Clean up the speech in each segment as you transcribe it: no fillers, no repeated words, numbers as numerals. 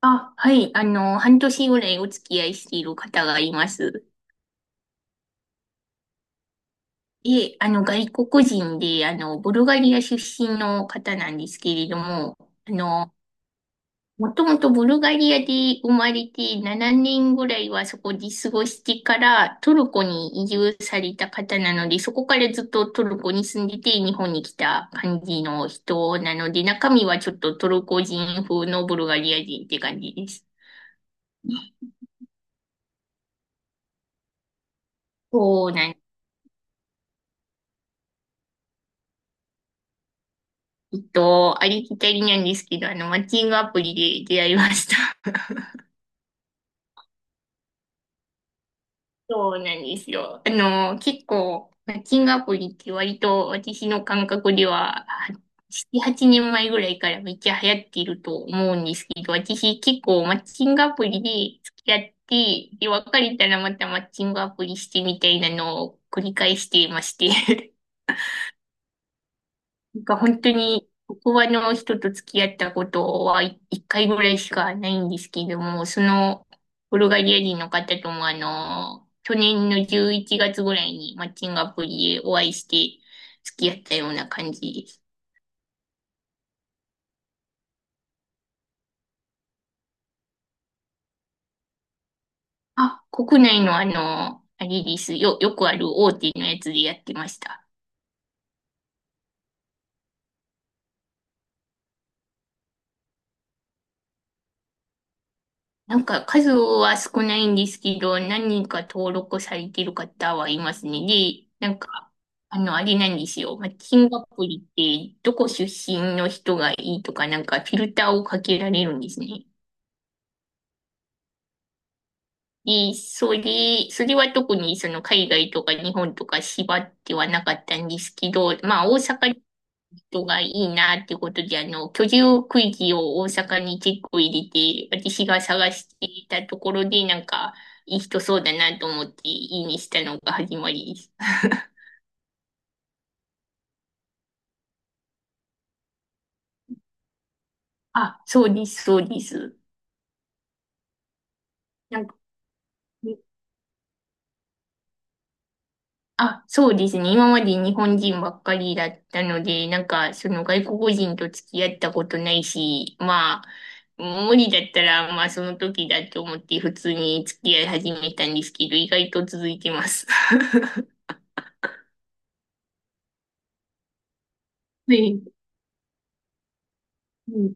あ、はい。半年ぐらいお付き合いしている方がいます。で、外国人で、ブルガリア出身の方なんですけれども、あの、もともとブルガリアで生まれて7年ぐらいはそこで過ごしてからトルコに移住された方なので、そこからずっとトルコに住んでて日本に来た感じの人なので、中身はちょっとトルコ人風のブルガリア人って感じです。そうなん。ありきたりなんですけど、マッチングアプリで出会いました。そうなんですよ。結構、マッチングアプリって割と私の感覚では、7、8年前ぐらいからめっちゃ流行っていると思うんですけど、私結構マッチングアプリで付き合って、で、別れたらまたマッチングアプリしてみたいなのを繰り返していまして。なんか本当に、ここはの人と付き合ったことはい一回ぐらいしかないんですけども、その、ブルガリア人の方ともあの、去年の11月ぐらいにマッチングアプリでお会いして付き合ったような感じです。あ、国内のあれです。よくある大手のやつでやってました。なんか数は少ないんですけど、何人か登録されてる方はいますね。で、なんか、あれなんですよ。マッチングアプリって、どこ出身の人がいいとか、なんかフィルターをかけられるんですね。で、それは特にその海外とか日本とか縛ってはなかったんですけど、まあ大阪人がいいなっていうことで、居住区域を大阪に結構入れて、私が探していたところで、なんか、いい人そうだなと思って、いいにしたのが始まりです。あ、そうです、そうです。なんか、あ、そうですね。今まで日本人ばっかりだったので、なんか、その外国人と付き合ったことないし、まあ、無理だったら、まあ、その時だと思って普通に付き合い始めたんですけど、意外と続いてます。はい。うん。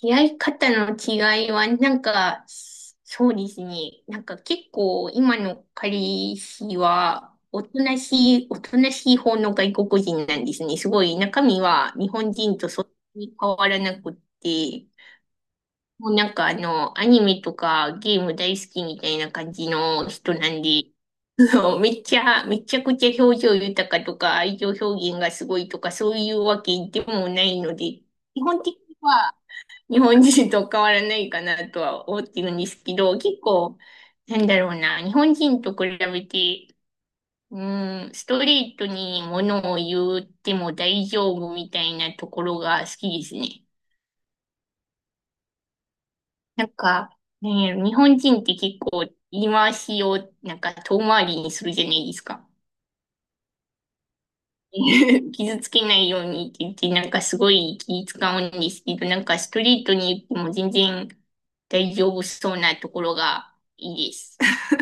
出会い方の違いは、なんか、そうですね。なんか結構、今の彼氏は、おとなしい方の外国人なんですね。すごい、中身は日本人とそんなに変わらなくって、もうなんかアニメとかゲーム大好きみたいな感じの人なんで、そうめちゃくちゃ表情豊かとか、愛情表現がすごいとか、そういうわけでもないので、基本的には、日本人と変わらないかなとは思ってるんですけど、結構、なんだろうな、日本人と比べて、うん、ストレートに物を言っても大丈夫みたいなところが好きですね。なんか、なんやろ日本人って結構言い回しをなんか遠回りにするじゃないですか。傷つけないようにって言って、なんかすごい気使うんですけど、なんかストレートに言っても全然大丈夫そうなところがいいです。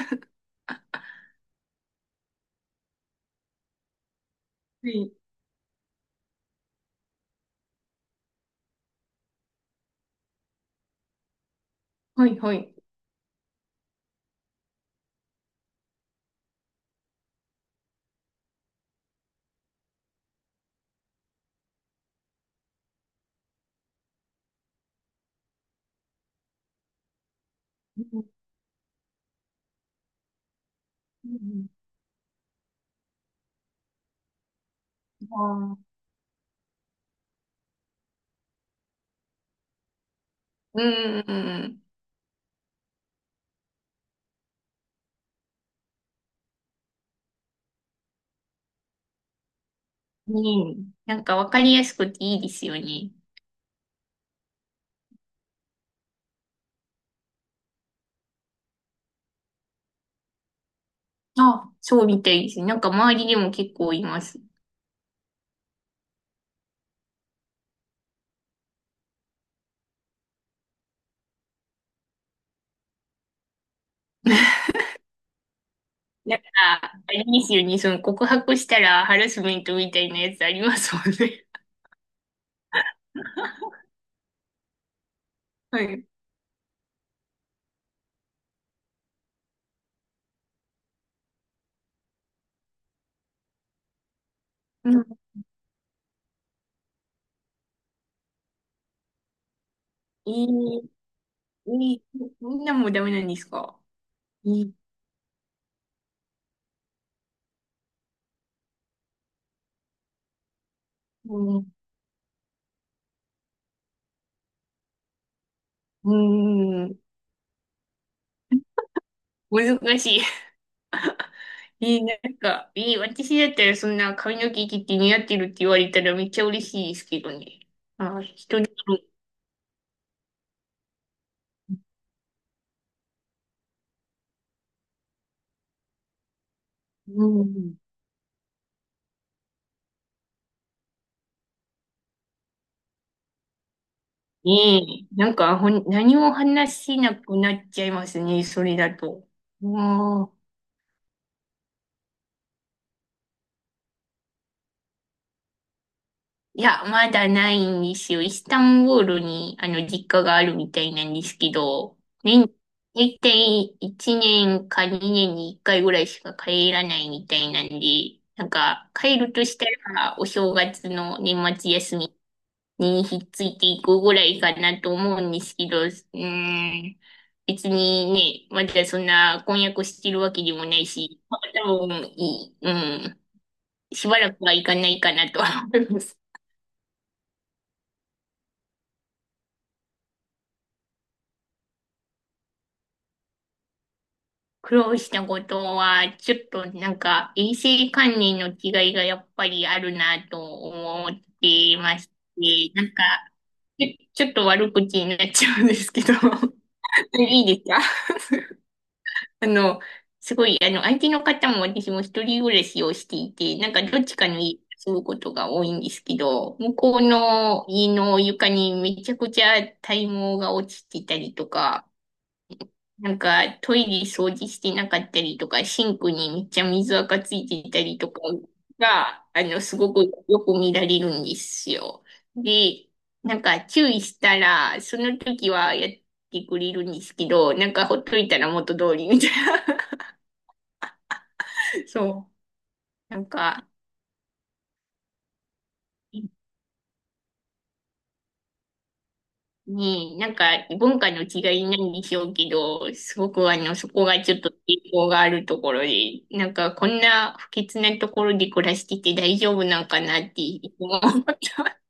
はい、はい、はい。うん、うん、あー、うん、うん、うん。うん、なんかわかりやすくていいですよね。あ、そうみたいですね。なんか周りでも結構います。なんから、あれですよね。その告白したらハラスメントみたいなやつありますもんね。はい。うん。いい、いい、みんなもダメなんですか？いい。うん。うん。難しい。いい、なんか、いい、私だったらそんな髪の毛切って似合ってるって言われたらめっちゃ嬉しいですけどね。あー、人に、うん。ねえ、なんかほん、何も話せなくなっちゃいますね、それだと。うん。いや、まだないんですよ。イスタンブールに、実家があるみたいなんですけど、年、大体1年か2年に1回ぐらいしか帰らないみたいなんで、なんか、帰るとしたら、お正月の年末休みにひっついていくぐらいかなと思うんですけど、うーん、別にね、まだそんな婚約してるわけでもないし、まあ多分いい、うん、しばらくはいかないかなとは思います。苦労したことは、ちょっとなんか、衛生管理の違いがやっぱりあるなと思っていまして、なんか、ちょっと悪口になっちゃうんですけど、いいですか？あの、すごい、相手の方も私も一人暮らしをしていて、なんかどっちかの家に住むことが多いんですけど、向こうの家の床にめちゃくちゃ体毛が落ちてたりとか、なんかトイレ掃除してなかったりとか、シンクにめっちゃ水垢ついていたりとかが、すごくよく見られるんですよ。で、なんか注意したら、その時はやってくれるんですけど、なんかほっといたら元通りみたいな。そう。なんか、ねえ、なんか文化の違いなんでしょうけど、すごくそこがちょっと抵抗があるところで、なんかこんな不潔なところで暮らしてて大丈夫なんかなっていつも思った。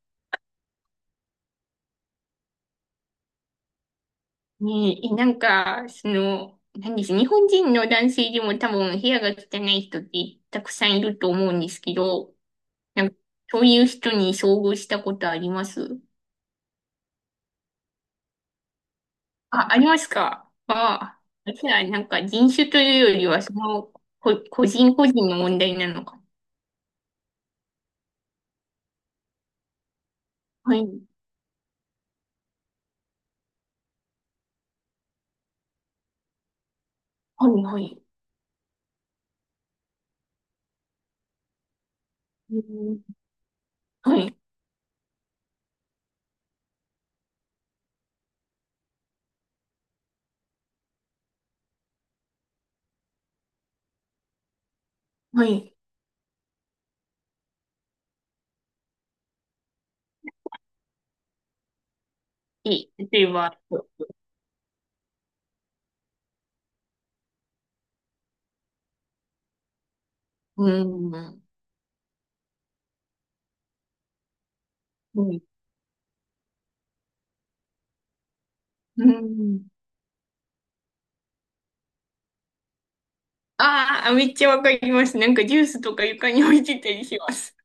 ねえ、なんか、その、なんです、日本人の男性でも多分部屋が汚い人ってたくさんいると思うんですけど、なんかそういう人に遭遇したことあります？あ、ありますか？あ、あじゃあなんか人種というよりは、その、個人個人の問題なのか。はい。はい、はい。うん、はい、はい。いい。例えば、うん、はい、うん。ああ、めっちゃわかります。なんかジュースとか床に置いてたりします。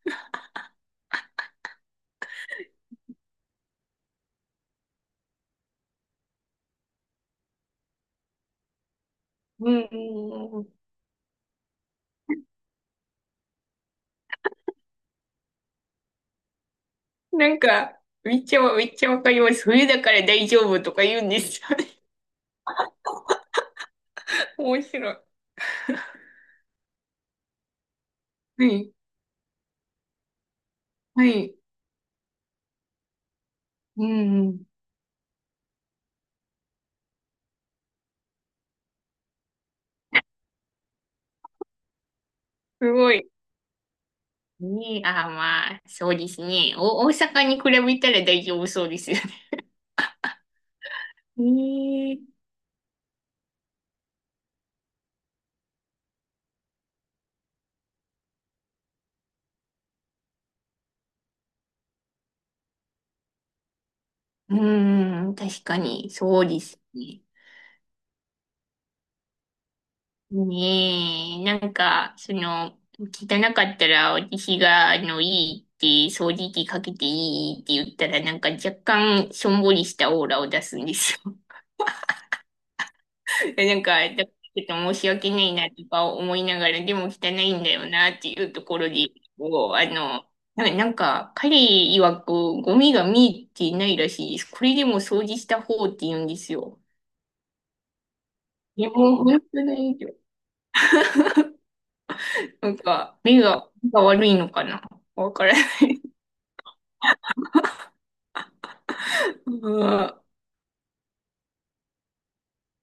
うん、なんか、めっちゃわかります。冬だから大丈夫とか言うんですよね。面白い。はい、はい。うん。すごい。ねえ、ああ、まあ、そうですね。お、大阪に比べたら大丈夫そうですよね。ねえ。うーん、確かに、そうですね。ねえ、なんか、その、汚かったら私が、いいって、掃除機かけていいって言ったら、なんか若干、しょんぼりしたオーラを出すんですよ。なんか、だからちょっと申し訳ないなとか思いながら、でも汚いんだよなっていうところで、こう、なんか、彼曰くゴミが見えていないらしいです。これでも掃除した方って言うんですよ。いや、もう本当ないよ。なんか、目が、目が悪いのかなわからない。うん